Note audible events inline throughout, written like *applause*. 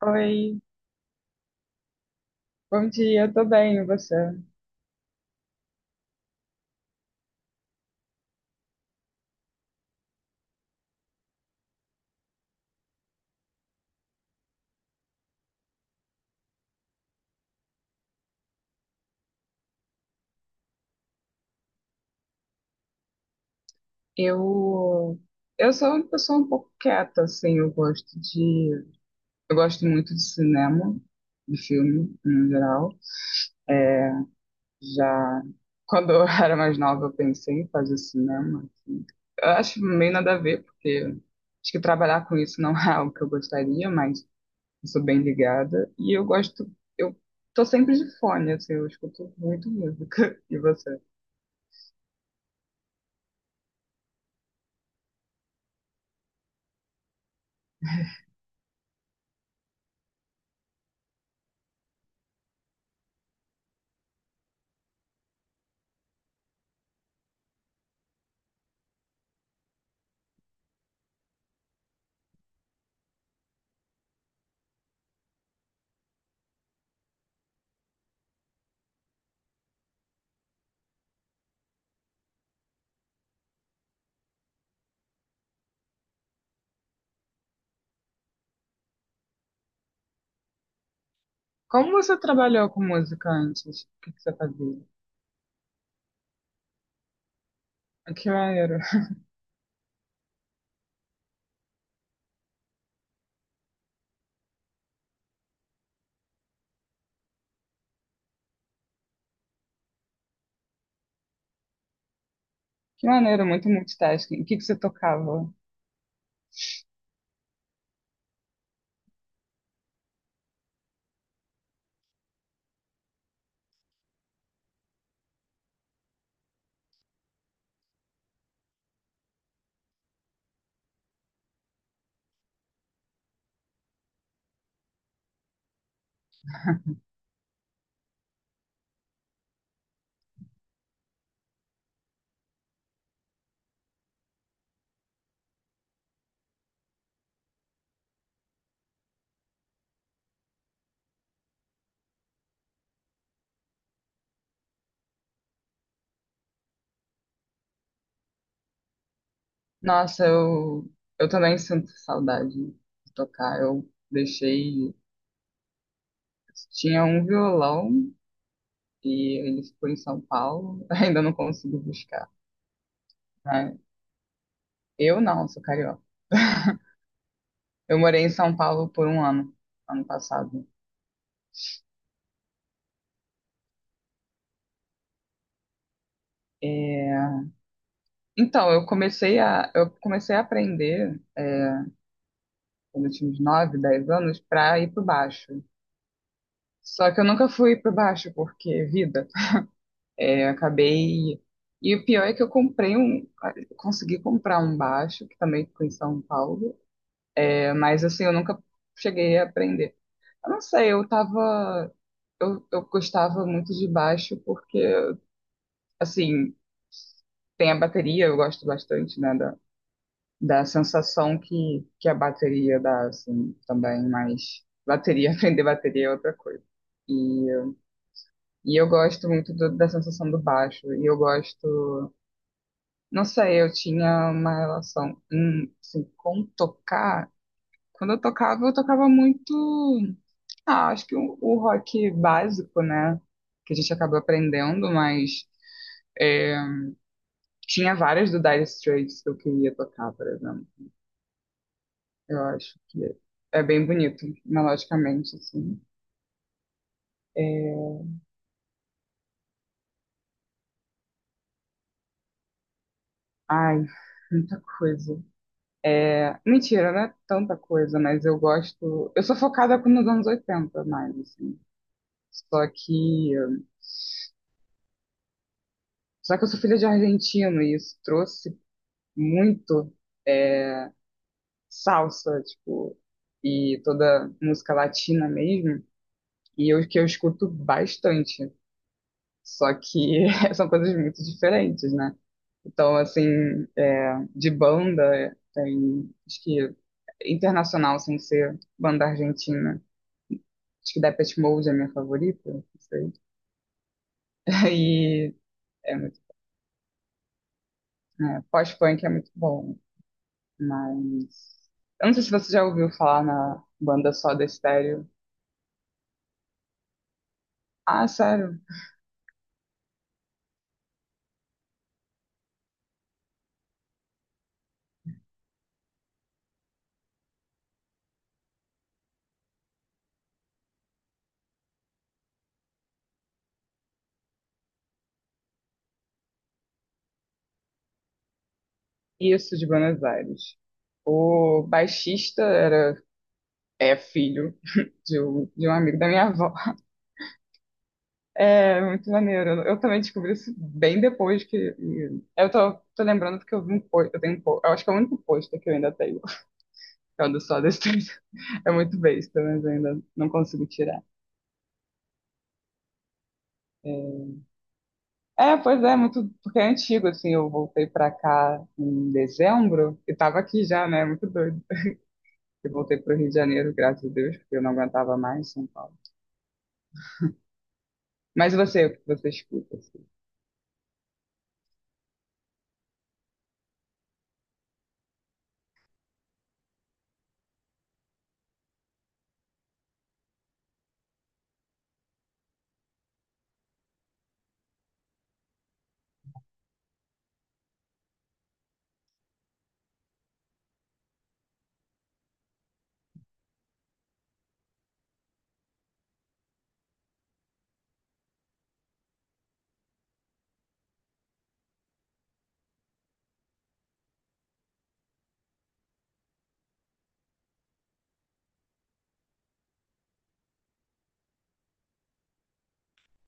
Oi, bom dia, tô bem, e você? Eu, eu sou uma pessoa um pouco quieta, assim, eu gosto muito de cinema, de filme, no geral. É, já, quando eu *laughs* era mais nova, eu pensei em fazer cinema, assim. Eu acho meio nada a ver, porque acho que trabalhar com isso não *laughs* é algo que eu gostaria, mas eu sou bem ligada, eu tô sempre de fone, assim, eu escuto muito música, *laughs* e você? Como você trabalhou com música antes? O que que você fazia? Ah, que maneiro. *laughs* Que maneiro, muito multitasking. O que que você tocava? Nossa, eu também sinto saudade de tocar. Eu deixei. Tinha um violão e ele ficou em São Paulo. *laughs* Ainda não consigo buscar. Né? Eu não, sou carioca. Eu morei em São Paulo por um ano, ano passado. Então, eu comecei a aprender quando eu tinha uns 9, 10 anos para ir pro baixo. Só que eu nunca fui pra baixo, porque vida. Acabei. E o pior é que eu comprei um. Consegui comprar um baixo, que também ficou em São Paulo. Mas assim, eu nunca cheguei a aprender. Eu não sei, eu tava. Eu gostava muito de baixo, porque, assim, tem a bateria, eu gosto bastante, né? Da, da sensação que a bateria dá, assim, também. Mas bateria, *laughs* aprender bateria é outra coisa. E. E eu gosto muito da sensação do baixo. E eu gosto. Não sei, eu tinha uma relação, assim, com tocar. Quando eu tocava muito, acho que o rock básico, né? Que a gente acabou aprendendo, mas é, tinha várias do Dire Straits que eu queria tocar, por exemplo. Eu acho que é bem bonito, melodicamente, assim. É, Ai, muita coisa. Mentira, não é tanta coisa, mas eu gosto. Eu sou focada nos anos 80 mais, assim. Só que Só que eu sou filha de argentino e isso trouxe muito é, salsa, tipo, e toda música latina mesmo, e eu que eu escuto bastante. Só que *laughs* são coisas muito diferentes, né? Então, assim, de banda, tem, acho que internacional, sem ser banda argentina. Acho que Depeche Mode é minha favorita, não sei. *laughs* E é muito, né, pós-punk é muito bom. Mas eu não sei se você já ouviu falar na banda Soda Stereo. Ah, sério? Isso de Buenos Aires. O baixista era é filho *laughs* de um amigo da minha avó. É muito maneiro. Eu também descobri isso bem depois que eu tô lembrando porque eu vi um post, eu tenho um post, eu acho que é o único post que eu ainda tenho, *laughs* que é o do Soda Stereo. É muito besta, mas eu ainda não consigo tirar. É, pois é, muito, porque é antigo, assim, eu voltei pra cá em dezembro e tava aqui já, né? Muito doido. Eu voltei pro Rio de Janeiro, graças a Deus, porque eu não aguentava mais São Paulo. Mas você, o que você escuta, assim?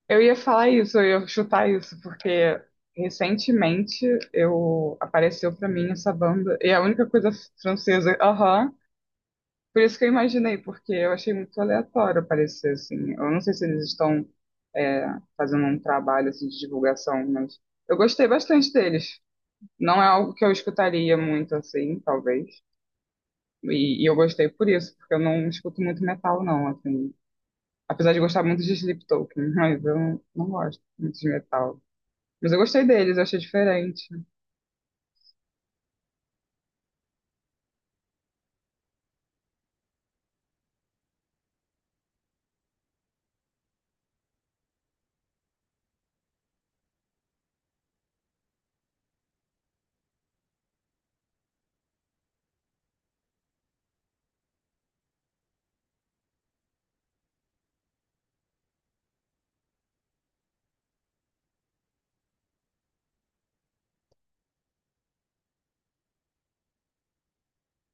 Eu ia falar isso, eu ia chutar isso, porque recentemente eu apareceu pra mim essa banda, e é a única coisa francesa. Aham. Por isso que eu imaginei, porque eu achei muito aleatório aparecer assim. Eu não sei se eles estão é, fazendo um trabalho assim, de divulgação, mas eu gostei bastante deles. Não é algo que eu escutaria muito assim, talvez. E eu gostei por isso, porque eu não escuto muito metal, não, assim. Apesar de gostar muito de Sleep, *laughs* mas eu não gosto muito de metal. Mas eu gostei deles, eu achei diferente.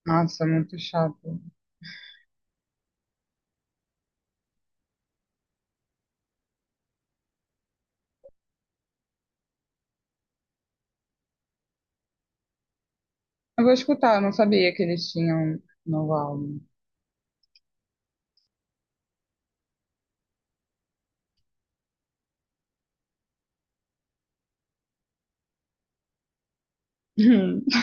Nossa, é muito chato. Eu vou escutar, eu não sabia que eles tinham novo álbum. *laughs*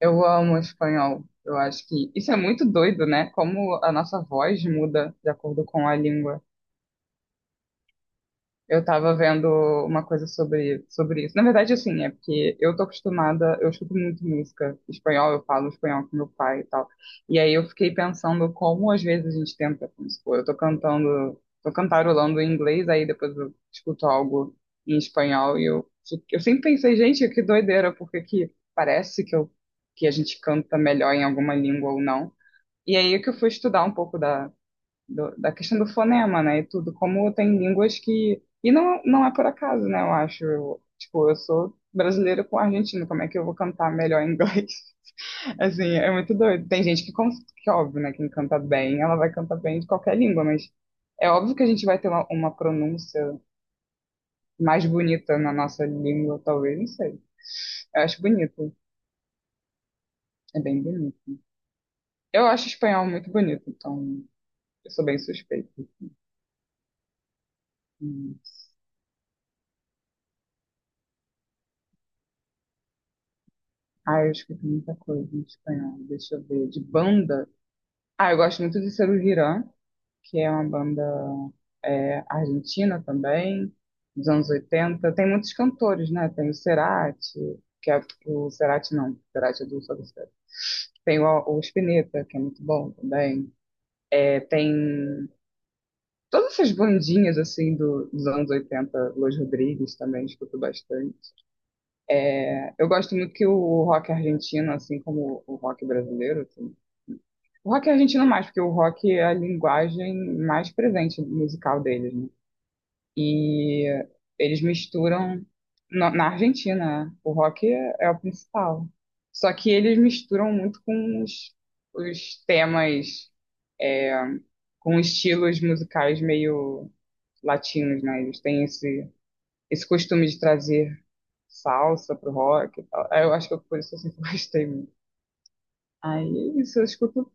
Eu amo espanhol. Eu acho que isso é muito doido, né? Como a nossa voz muda de acordo com a língua. Eu tava vendo uma coisa sobre isso. Na verdade, assim, é porque eu tô acostumada, eu escuto muito música espanhol, eu falo espanhol com meu pai e tal. E aí eu fiquei pensando como às vezes a gente tenta, como se for, eu tô cantando, tô cantarolando em inglês, aí depois eu escuto algo em espanhol e eu sempre pensei, gente, que doideira, porque que parece que a gente canta melhor em alguma língua ou não. E aí é que eu fui estudar um pouco da da questão do fonema, né, e tudo, como tem línguas que... E não, não é por acaso, né, eu acho. Eu, tipo, eu sou brasileira com argentino, como é que eu vou cantar melhor em inglês? *laughs* Assim, é muito doido. Tem gente que, que óbvio, né, quem canta bem, ela vai cantar bem de qualquer língua, mas é óbvio que a gente vai ter uma pronúncia mais bonita na nossa língua, talvez, não sei. Eu acho bonito, é bem bonito. Eu acho espanhol muito bonito, então eu sou bem suspeita. Hum. Ah, eu escuto muita coisa em espanhol. Deixa eu ver. De banda. Ah, eu gosto muito de Serú Girán, que é uma banda argentina também, dos anos 80. Tem muitos cantores, né? Tem o Cerati, que é o Cerati não, o Cerati é do Soda Stereo. Tem o Spinetta, que é muito bom também. Tem todas essas bandinhas assim dos anos 80, Los Rodrigues também escuto bastante. Eu gosto muito que o rock argentino, assim como o rock brasileiro, assim. O rock argentino mais, porque o rock é a linguagem mais presente musical deles, né? E eles misturam na Argentina, né? O rock é o principal. Só que eles misturam muito com os temas, com estilos musicais meio latinos, né? Eles têm esse costume de trazer salsa pro rock. E tal. Eu acho que por isso eu sempre *laughs* gostei muito. Aí isso, eu escuto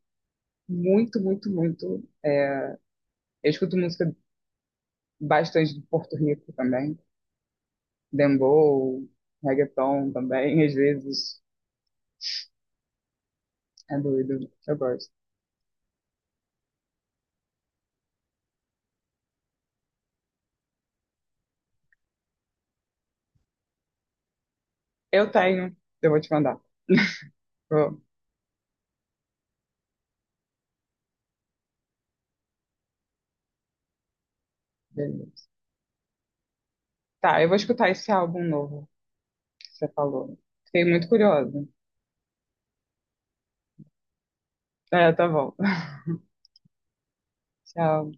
muito, muito, muito. Eu escuto música bastante de Porto Rico também. Dembow, reggaeton também, às vezes é doido, eu gosto. Eu tenho, eu vou te mandar. Ô, beleza. Tá, eu vou escutar esse álbum novo que você falou. Fiquei muito curiosa. É, tá bom. *laughs* Tchau.